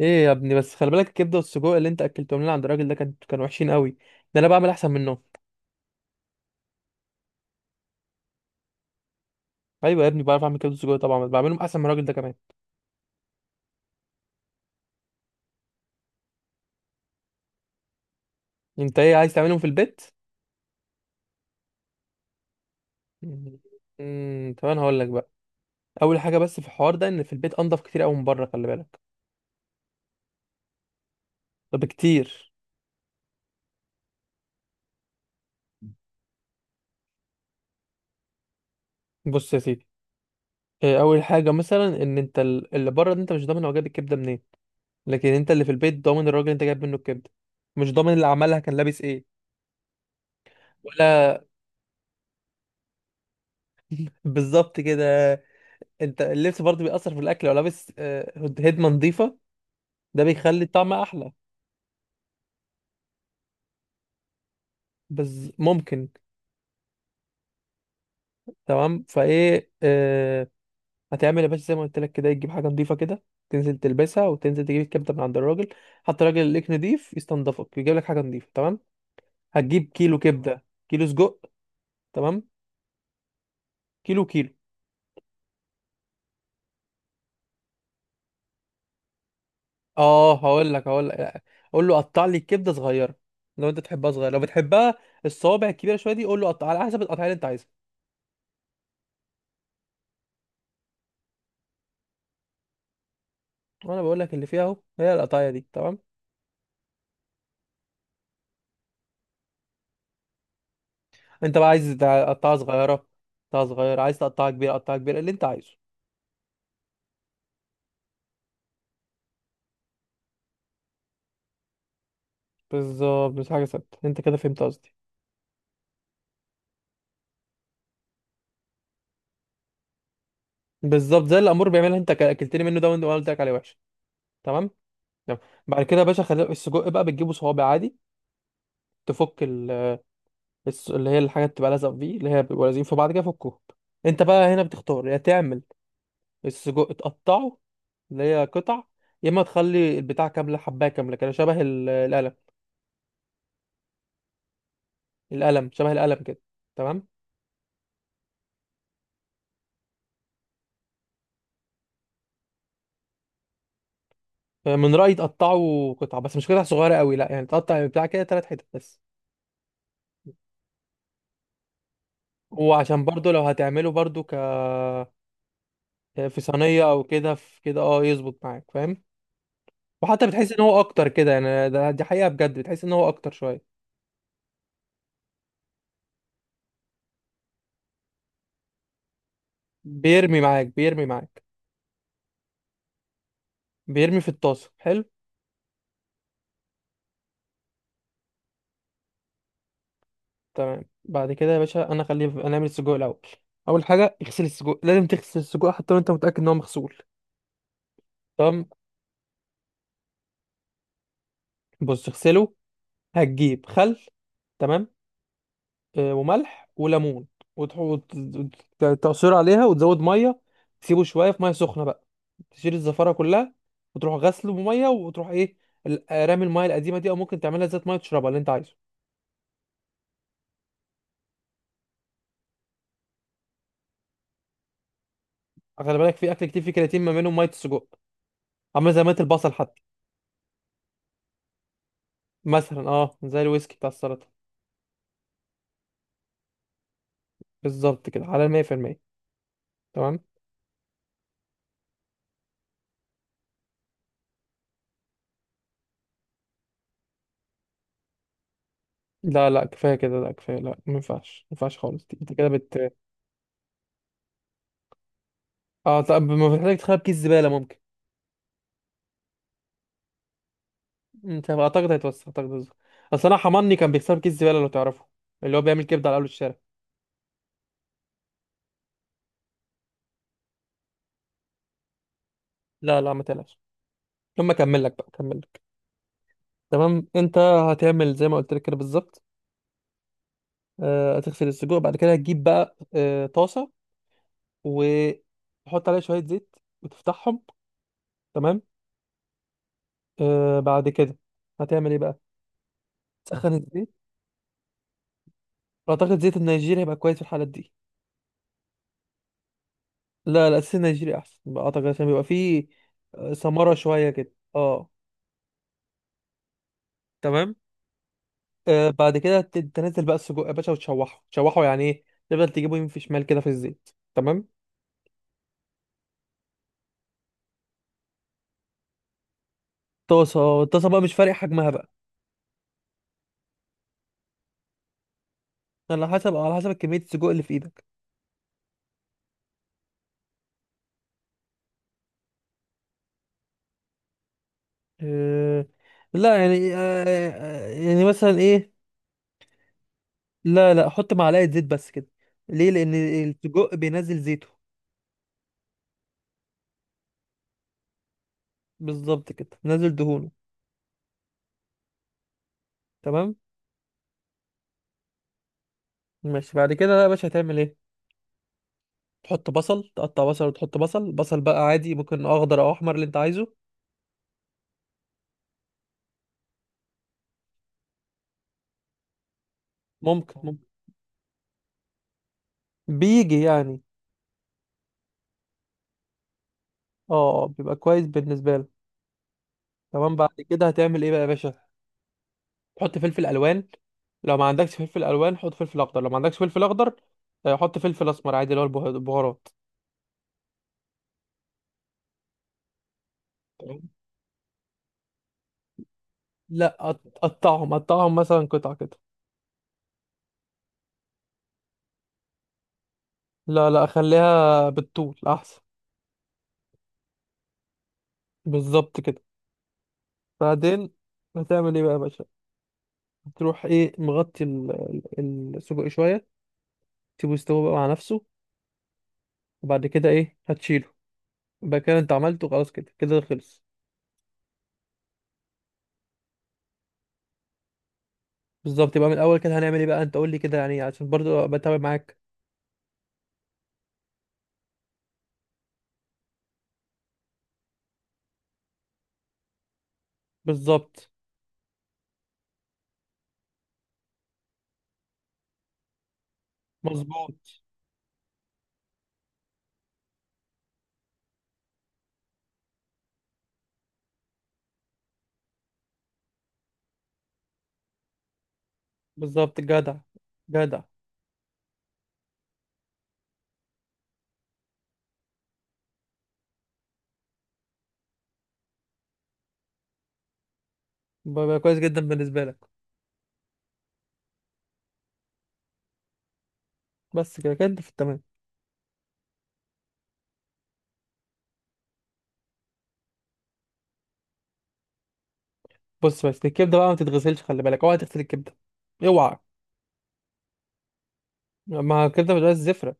ايه يا ابني، بس خلي بالك الكبده والسجق اللي انت اكلتهم لنا عند الراجل ده كانوا وحشين قوي. ده انا بعمل احسن منهم. ايوه يا ابني، بعرف اعمل كبده وسجق طبعا، بس بعملهم احسن من الراجل ده كمان. انت ايه، عايز تعملهم في البيت؟ طب انا هقول لك بقى. اول حاجه بس في الحوار ده، ان في البيت انضف كتير قوي من بره، خلي بالك. طب كتير. بص يا سيدي، إيه اول حاجه مثلا، ان انت اللي بره ده، انت مش ضامن هو جايب الكبده منين. لكن انت اللي في البيت ضامن الراجل اللي انت جايب منه الكبده. مش ضامن اللي عملها كان لابس ايه. ولا، بالظبط كده. انت اللبس برضه بيأثر في الاكل، لو لابس هدمه نظيفه، ده بيخلي الطعم احلى. بس ممكن. تمام فايه. هتعمل يا باشا زي ما قلت لك كده، تجيب حاجه نظيفه كده، تنزل تلبسها وتنزل تجيب الكبده من عند الراجل. حتى الراجل اللي ليك نضيف يستنضفك، يجيب لك حاجه نظيفه. تمام، هتجيب كيلو كبده كيلو سجق. تمام، كيلو كيلو. اه هقول لك هقول لك، قول له قطع لي الكبده صغيره لو انت تحبها صغيره. لو بتحبها الصوابع الكبيره شويه دي، قول له قطع على حسب القطعيه اللي انت عايزها. وانا بقول لك اللي فيها اهو، هي القطعيه دي. تمام، انت بقى عايز تقطعها صغيره تقطعها صغيره، عايز تقطعها كبيره قطعها كبيره، اللي انت عايزه. بالظبط، مش حاجه ثابته، انت كده فهمت قصدي. بالظبط زي الامور بيعملها، انت اكلتني منه ده، وانا قلت لك عليه وحش. تمام. تمام. بعد كده يا باشا، خلي السجق بقى بتجيبه صوابع عادي، تفك ال... اللي هي الحاجه اللي بتبقى لازقه فيه، اللي هي بيبقوا لازقين في بعض كده، فكهم. انت بقى هنا بتختار يا تعمل السجق تقطعه، اللي هي قطع، يا اما تخلي البتاع كامله حبايه كامله كده، شبه القلم. القلم، شبه القلم كده. تمام. من رأيي تقطعه قطع، بس مش قطع صغيرة قوي، لا يعني تقطع بتاع كده تلات حتت بس. وعشان برضو لو هتعمله برضو ك في صينية او كده، في كده اه يظبط معاك، فاهم. وحتى بتحس ان هو اكتر كده، يعني ده دي حقيقة بجد، بتحس ان هو اكتر شوية. بيرمي معاك بيرمي معاك. بيرمي في الطاسة، حلو. تمام. بعد كده يا باشا، انا خليه انا اعمل السجق الاول. اول حاجة اغسل السجق، لازم تغسل السجق حتى لو انت متأكد ان هو مغسول. تمام. بص اغسله، هتجيب خل، تمام، وملح وليمون، وتعصر عليها وتزود ميه. تسيبه شويه في ميه سخنه بقى، تشيل الزفاره كلها، وتروح غسله بميه وتروح ايه، رامي الميه القديمه دي، او ممكن تعملها زيت ميه تشربها، اللي انت عايزه. خلي بالك، في اكل كتير فيه كرياتين، ما منهم ميه السجق. عامله زي ميه البصل حتى، مثلا اه زي الويسكي بتاع السلطه. بالظبط كده، على 100%. تمام. لا لا كفايه كده، لا كفايه، لا ما ينفعش ما ينفعش خالص دي. انت كده بت. اه طب ما بتحتاج، تخرب كيس زباله ممكن. انت اعتقد هيتوسخ، اعتقد هيتوسخ. اصل انا حماني كان بيكسر كيس زباله لو تعرفه، اللي هو بيعمل كبده على اول الشارع. لا لا ما تقلقش، لما اكمل لك بقى اكمل لك. تمام، انت هتعمل زي ما قلت لك كده بالظبط. هتغسل السجق، بعد كده هتجيب بقى طاسه، وتحط عليها شويه زيت، وتفتحهم. تمام. بعد كده هتعمل ايه بقى؟ تسخن الزيت. اعتقد زيت النيجيري هيبقى كويس في الحالات دي. لا لا الزيت النيجيري احسن بقى، اعتقد عشان بيبقى فيه ثمره شويه كده، اه. تمام. آه بعد كده تنزل بقى السجق يا باشا وتشوحه. تشوحه يعني ايه؟ تفضل تجيبه يمين في شمال كده في الزيت. تمام. طاسه، الطاسه بقى مش فارق حجمها بقى. على حسب كميه السجق اللي في ايدك. آه لا يعني آه آه، يعني مثلا ايه، لا لا حط معلقه زيت بس كده. ليه؟ لان السجق بينزل زيته. بالظبط كده، بينزل دهونه. تمام ماشي. بعد كده بقى يا باشا هتعمل ايه؟ تحط بصل، تقطع بصل وتحط بصل. بصل بقى عادي، ممكن اخضر او احمر، اللي انت عايزه. ممكن ممكن، بيجي يعني. اه بيبقى كويس بالنسبه لك. تمام، بعد كده هتعمل ايه بقى يا باشا؟ تحط فلفل الوان، لو ما عندكش فلفل الوان حط فلفل اخضر، لو ما عندكش فلفل اخضر حط فلفل اسمر عادي، اللي هو البهارات. تمام؟ لا قطعهم، قطعهم مثلا قطع كده. لا لا خليها بالطول احسن. بالظبط كده. بعدين هتعمل ايه بقى يا باشا؟ هتروح ايه مغطي السجق شويه، تسيبه يستوي بقى مع نفسه، وبعد كده ايه هتشيله. يبقى كده انت عملته، خلاص كده كده خلص. بالظبط، يبقى من الاول كده هنعمل ايه بقى؟ انت قول لي كده يعني، عشان برضو بتابع معاك. بالظبط مظبوط. بالظبط، جدع جدع. بقى كويس جدا بالنسبه لك. بس كده كده انت في التمام. بص، بس الكبده بقى ما تتغسلش، خلي بالك اوعى تغسل الكبده، اوعى. ما الكبده بتبقى زفره.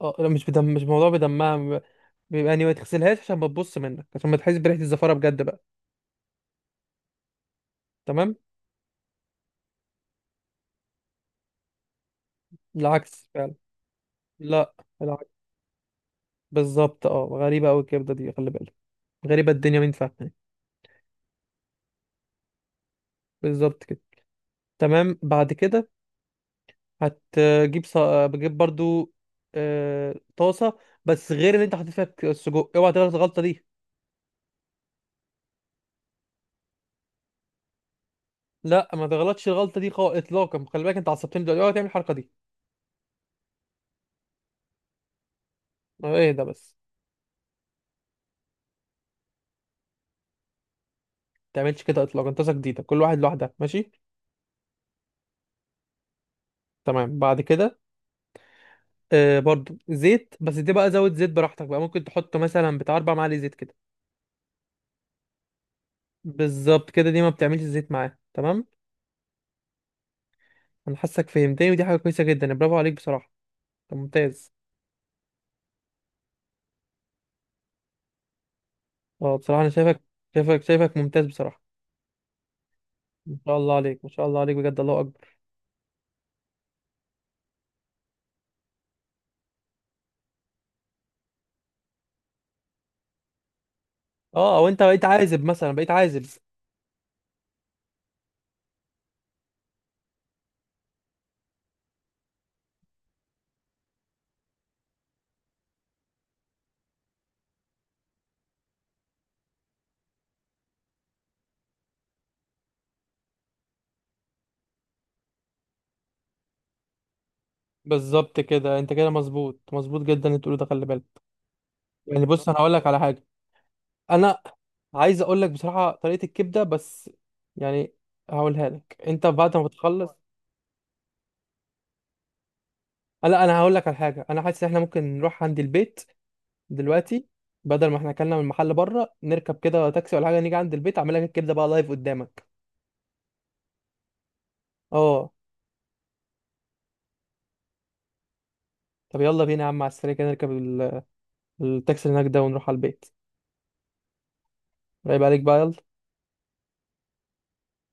اه لا، مش بدم، مش موضوع بدمها. بيبقى بيبقى يعني، ما تغسلهاش عشان ما تبص منك، عشان ما تحس بريحه الزفاره بجد بقى. تمام. العكس فعلا. لا، العكس. بالظبط، اه غريبه قوي الكبده دي خلي بالك. غريبه الدنيا مين فاهمه. بالظبط كده. تمام بعد كده هتجيب بجيب برضو طاسه، بس غير اللي انت حاطط فيها السجق، اوعى تغلط الغلطه دي. لا ما تغلطش الغلطه دي خالص اطلاقا، خلي بالك انت عصبتني دلوقتي، اوعى تعمل الحركه دي. اه، ايه ده بس؟ ما تعملش كده اطلاقا، طاسه جديده، كل واحد لوحدها، ماشي. تمام بعد كده برضو زيت، بس دي بقى زود زيت براحتك بقى، ممكن تحط مثلا بتاع اربع معالق زيت كده. بالظبط كده، دي ما بتعملش زيت معاه. تمام. انا حاسك فهمتني، ودي حاجه كويسه جدا، برافو عليك بصراحه. طب ممتاز. اه بصراحه انا شايفك، شايفك شايفك ممتاز بصراحه. ما شاء الله عليك، ما شاء الله عليك بجد، الله اكبر. اه، او انت بقيت عازب مثلا، بقيت عازب. بالظبط كده، انت كده مظبوط، مظبوط جدا اللي بتقوله ده، خلي بالك. يعني بص انا هقول لك على حاجه. انا عايز اقول لك بصراحه طريقه الكبده، بس يعني هقولها لك انت بعد ما بتخلص. لا انا هقول لك على حاجه، انا حاسس ان احنا ممكن نروح عند البيت دلوقتي، بدل ما احنا اكلنا من المحل بره، نركب كده تاكسي ولا حاجه، نيجي عند البيت اعمل لك الكبده بقى لايف قدامك. اه. طب يلا بينا يا عم، على السريع كده نركب التاكسي اللي هناك ده، ونروح على البيت. رايب عليك بقى، يلا.